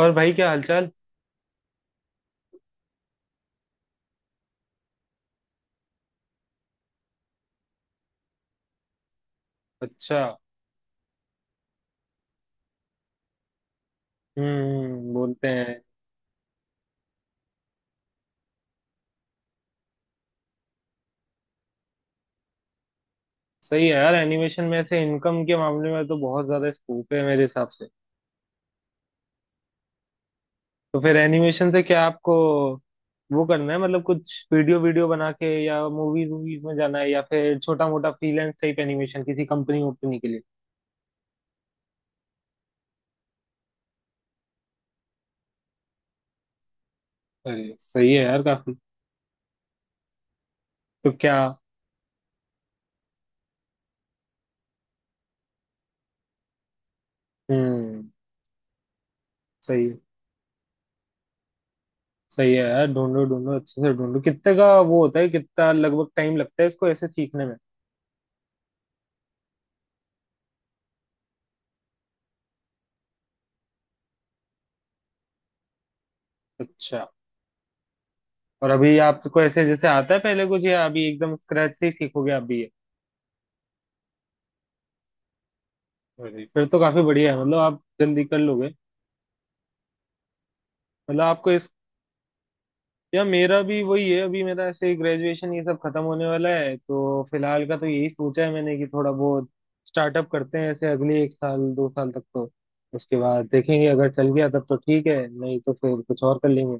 और भाई क्या हालचाल। अच्छा। हम्म, बोलते हैं। सही है यार, एनिमेशन में ऐसे इनकम के मामले में तो बहुत ज्यादा स्कोप है मेरे हिसाब से। तो फिर एनिमेशन से क्या आपको वो करना है, मतलब कुछ वीडियो वीडियो बना के या मूवीज मूवीज में जाना है या फिर छोटा मोटा फ्रीलांस टाइप एनिमेशन किसी कंपनी वंपनी के लिए। अरे सही है यार काफी। तो क्या। हम्म। सही है। सही है यार, ढूंढो ढूंढो अच्छे से ढूंढो, कितने का वो होता है, कितना लगभग टाइम लगता है इसको ऐसे सीखने में। अच्छा। और अभी आपको ऐसे जैसे आता है पहले कुछ, या अभी एकदम स्क्रैच से ही सीखोगे आप भी ये। जी, फिर तो काफी बढ़िया है, मतलब आप जल्दी कर लोगे। मतलब आपको इस, या मेरा भी वही है। अभी मेरा ऐसे ग्रेजुएशन ये सब खत्म होने वाला है, तो फिलहाल का तो यही सोचा है मैंने कि थोड़ा बहुत स्टार्टअप करते हैं ऐसे अगले 1 साल 2 साल तक तो। उसके बाद देखेंगे, अगर चल गया तब तो ठीक है, नहीं तो फिर कुछ और कर लेंगे।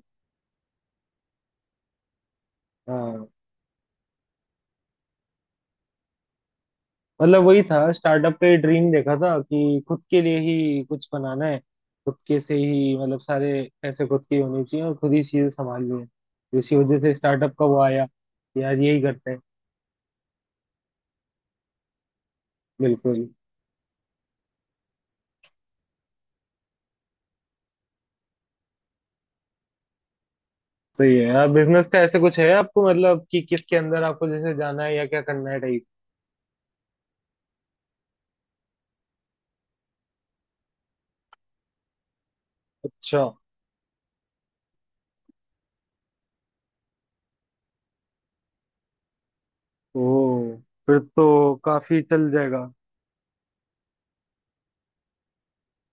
हाँ। मतलब वही था, स्टार्टअप पे ड्रीम देखा था कि खुद के लिए ही कुछ बनाना है। खुद के से ही मतलब सारे पैसे खुद के ही होने चाहिए और खुद ही चीजें संभालनी है, इसी वजह से स्टार्टअप का वो आया कि यार यही करते हैं। बिल्कुल। सही है यार, बिजनेस का ऐसे कुछ है आपको, मतलब कि किसके अंदर आपको जैसे जाना है या क्या करना है टाइप। अच्छा। ओ, फिर तो काफी चल जाएगा।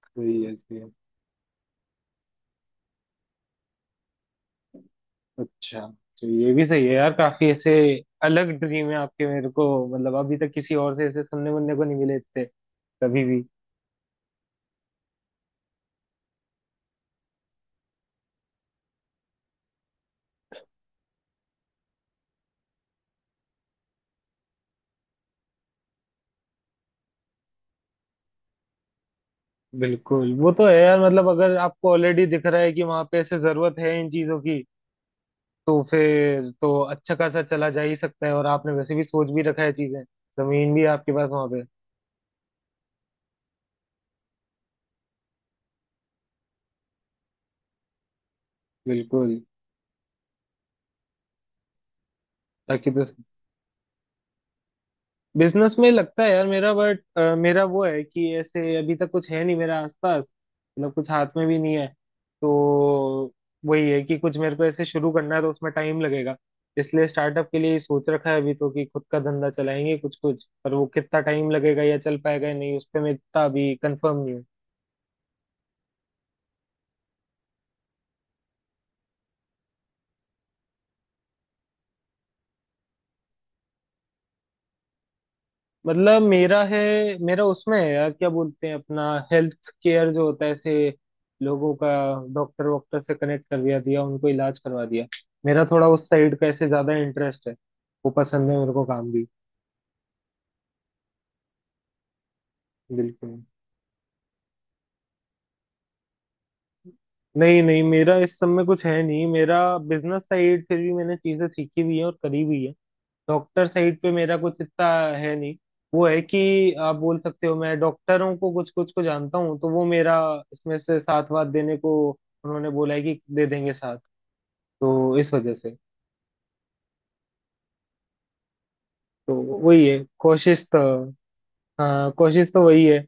सही है। सही है। अच्छा। तो ये भी सही है यार, काफी ऐसे अलग ड्रीम है आपके मेरे को, मतलब अभी तक किसी और से ऐसे सुनने मुनने को नहीं मिले इतने कभी भी। बिल्कुल, वो तो है यार, मतलब अगर आपको ऑलरेडी दिख रहा है कि वहां पे ऐसे जरूरत है इन चीजों की, तो फिर तो अच्छा खासा चला जा ही सकता है, और आपने वैसे भी सोच भी रखा है चीजें, जमीन भी है आपके पास वहां पे। बिल्कुल। ताकि तो बिजनेस में लगता है यार मेरा, बट मेरा वो है कि ऐसे अभी तक कुछ है नहीं मेरा आसपास, मतलब कुछ हाथ में भी नहीं है, तो वही है कि कुछ मेरे को ऐसे शुरू करना है तो उसमें टाइम लगेगा, इसलिए स्टार्टअप के लिए ही सोच रखा है अभी तो कि खुद का धंधा चलाएंगे कुछ कुछ, पर वो कितना टाइम लगेगा या चल पाएगा या नहीं उस पर मैं इतना अभी कंफर्म नहीं हूँ। मतलब मेरा है, मेरा उसमें है यार, क्या बोलते हैं अपना हेल्थ केयर जो होता है ऐसे लोगों का, डॉक्टर वॉक्टर से कनेक्ट कर दिया दिया उनको, इलाज करवा दिया। मेरा थोड़ा उस साइड का ऐसे ज्यादा इंटरेस्ट है, वो पसंद है मेरे को काम भी। बिल्कुल। नहीं नहीं मेरा इस सब में कुछ है नहीं मेरा, बिजनेस साइड फिर भी मैंने चीजें सीखी भी है और करी भी है, डॉक्टर साइड पे मेरा कुछ इतना है नहीं। वो है कि आप बोल सकते हो मैं डॉक्टरों को कुछ कुछ को जानता हूँ, तो वो मेरा इसमें से साथ वाथ देने को उन्होंने बोला है कि दे देंगे साथ, तो इस वजह से। तो वही है कोशिश तो। हाँ, कोशिश तो वही है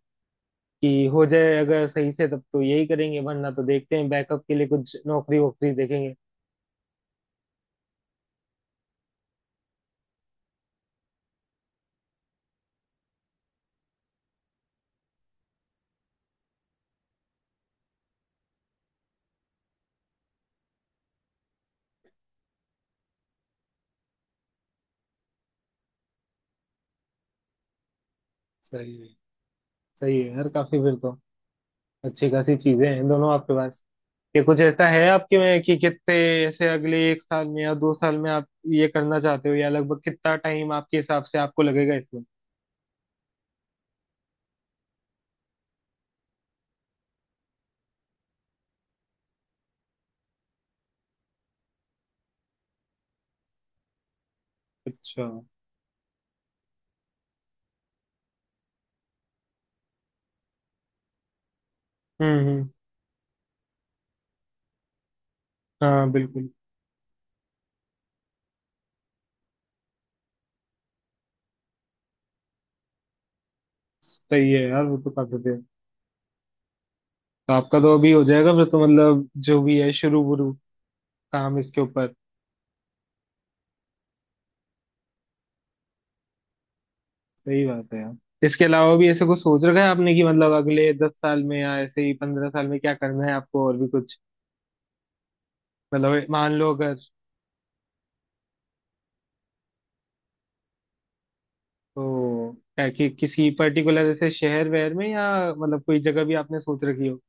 कि हो जाए अगर सही से, तब तो यही करेंगे, वरना तो देखते हैं बैकअप के लिए कुछ नौकरी वोकरी देखेंगे। सही है। सही है यार काफी फिर तो, अच्छी खासी चीजें हैं दोनों आपके पास। ये कुछ ऐसा है आपके में कि कितने ऐसे अगले एक साल में या 2 साल में आप ये करना चाहते हो, या लगभग कितना टाइम आपके हिसाब से आपको लगेगा इसमें। अच्छा, हम्म। हम्म। हाँ, बिल्कुल। सही है यार, वो तो काफी देर, तो आपका तो अभी हो जाएगा फिर तो मतलब, जो भी है शुरू बुरू काम इसके ऊपर। सही बात है यार। इसके अलावा भी ऐसे कुछ सोच रखा है आपने कि मतलब अगले 10 साल में या ऐसे ही 15 साल में क्या करना है आपको और भी कुछ, मतलब मान लो अगर। तो क्या कि किसी पर्टिकुलर जैसे शहर वहर में, या मतलब कोई जगह भी आपने सोच रखी हो।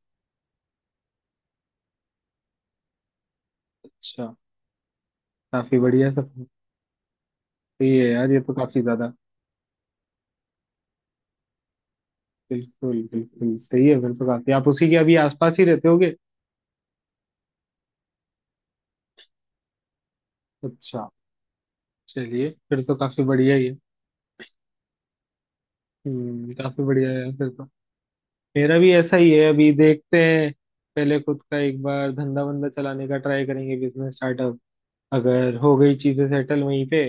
अच्छा, काफी बढ़िया सब। तो ये यार, ये तो काफी ज्यादा। बिल्कुल बिल्कुल सही है, फिर तो काफी आप उसी के अभी आसपास ही रहते होगे। अच्छा, चलिए, फिर तो काफी बढ़िया ही है। हम्म, काफी बढ़िया है यार फिर तो। मेरा भी ऐसा ही है, अभी देखते हैं। पहले खुद का एक बार धंधा बंदा चलाने का ट्राई करेंगे, बिजनेस स्टार्टअप। अगर हो गई चीजें सेटल वहीं पे,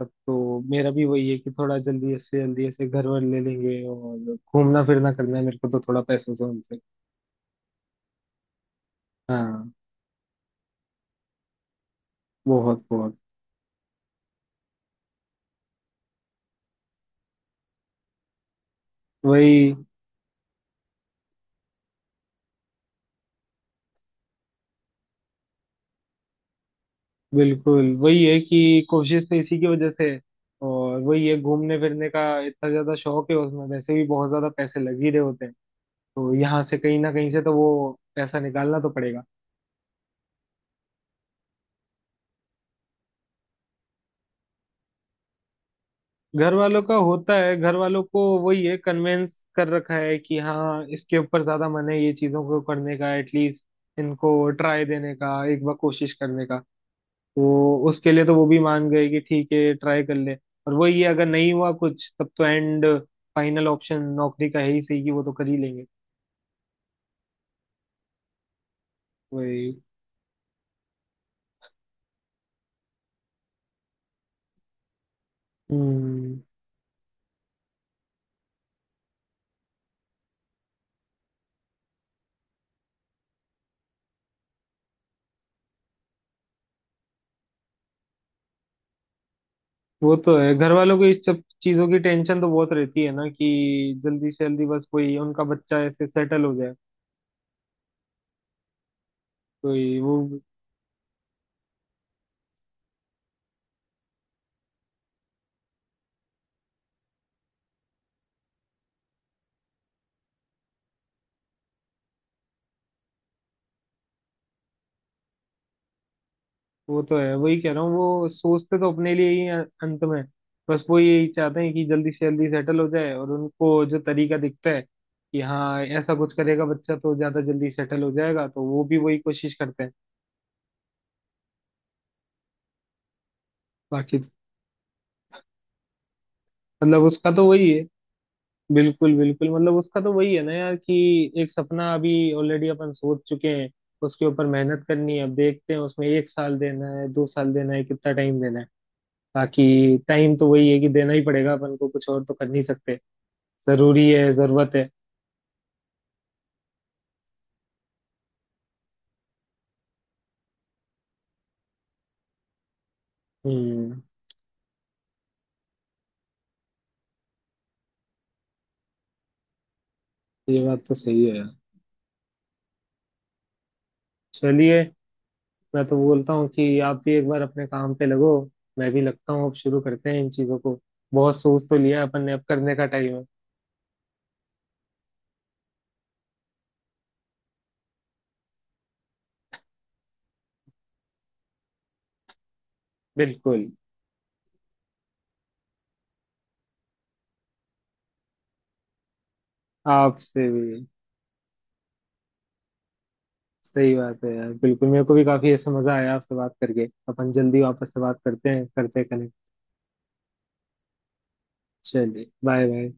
तब तो मेरा भी वही है कि थोड़ा जल्दी से जल्दी ऐसे घर वर ले लेंगे, और घूमना फिरना करना है मेरे को तो थोड़ा पैसों से उनसे। हाँ। बहुत बहुत। वही, बिल्कुल, वही है कि कोशिश तो इसी की वजह से है। और वही है, घूमने फिरने का इतना ज्यादा शौक है, उसमें वैसे भी बहुत ज्यादा पैसे लग ही रहे होते हैं, तो यहाँ से कहीं ना कहीं से तो वो पैसा निकालना तो पड़ेगा। घर वालों का होता है, घर वालों को वही है कन्वेंस कर रखा है कि हाँ, इसके ऊपर ज्यादा मन है ये चीजों को करने का, एटलीस्ट इनको ट्राई देने का, एक बार कोशिश करने का, तो उसके लिए तो वो भी मान गए कि ठीक है ट्राई कर ले। और वही है, अगर नहीं हुआ कुछ तब तो एंड फाइनल ऑप्शन नौकरी का है ही, सही कि वो तो कर ही लेंगे। वही। हम्म। वो तो है, घर वालों को इस सब चीजों की टेंशन तो बहुत रहती है ना, कि जल्दी से जल्दी बस कोई उनका बच्चा ऐसे सेटल हो जाए, तो ये वो। वो तो है, वही कह रहा हूँ, वो सोचते तो अपने लिए ही हैं अंत में, बस वो यही चाहते हैं कि जल्दी से जल्दी सेटल हो जाए और उनको जो तरीका दिखता है कि हाँ ऐसा कुछ करेगा बच्चा तो ज्यादा जल्दी सेटल हो जाएगा, तो वो भी वही कोशिश करते हैं। बाकी तो- मतलब उसका तो वही है। बिल्कुल बिल्कुल मतलब उसका तो वही है ना यार, कि एक सपना अभी ऑलरेडी अपन सोच चुके हैं, उसके ऊपर मेहनत करनी है, अब देखते हैं उसमें 1 साल देना है 2 साल देना है कितना टाइम देना है, बाकी टाइम तो वही है कि देना ही पड़ेगा, अपन को कुछ और तो कर नहीं सकते। जरूरी है, जरूरत है। हम्म। ये बात तो सही है यार। चलिए, मैं तो बोलता हूँ कि आप भी एक बार अपने काम पे लगो, मैं भी लगता हूँ, अब शुरू करते हैं इन चीजों को, बहुत सोच तो लिया अपन ने, अब करने का टाइम है। बिल्कुल। आपसे भी सही बात है यार, बिल्कुल मेरे को भी काफी ऐसा मजा आया आपसे बात करके, अपन जल्दी वापस से बात करते हैं, कनेक्ट चलिए, बाय बाय।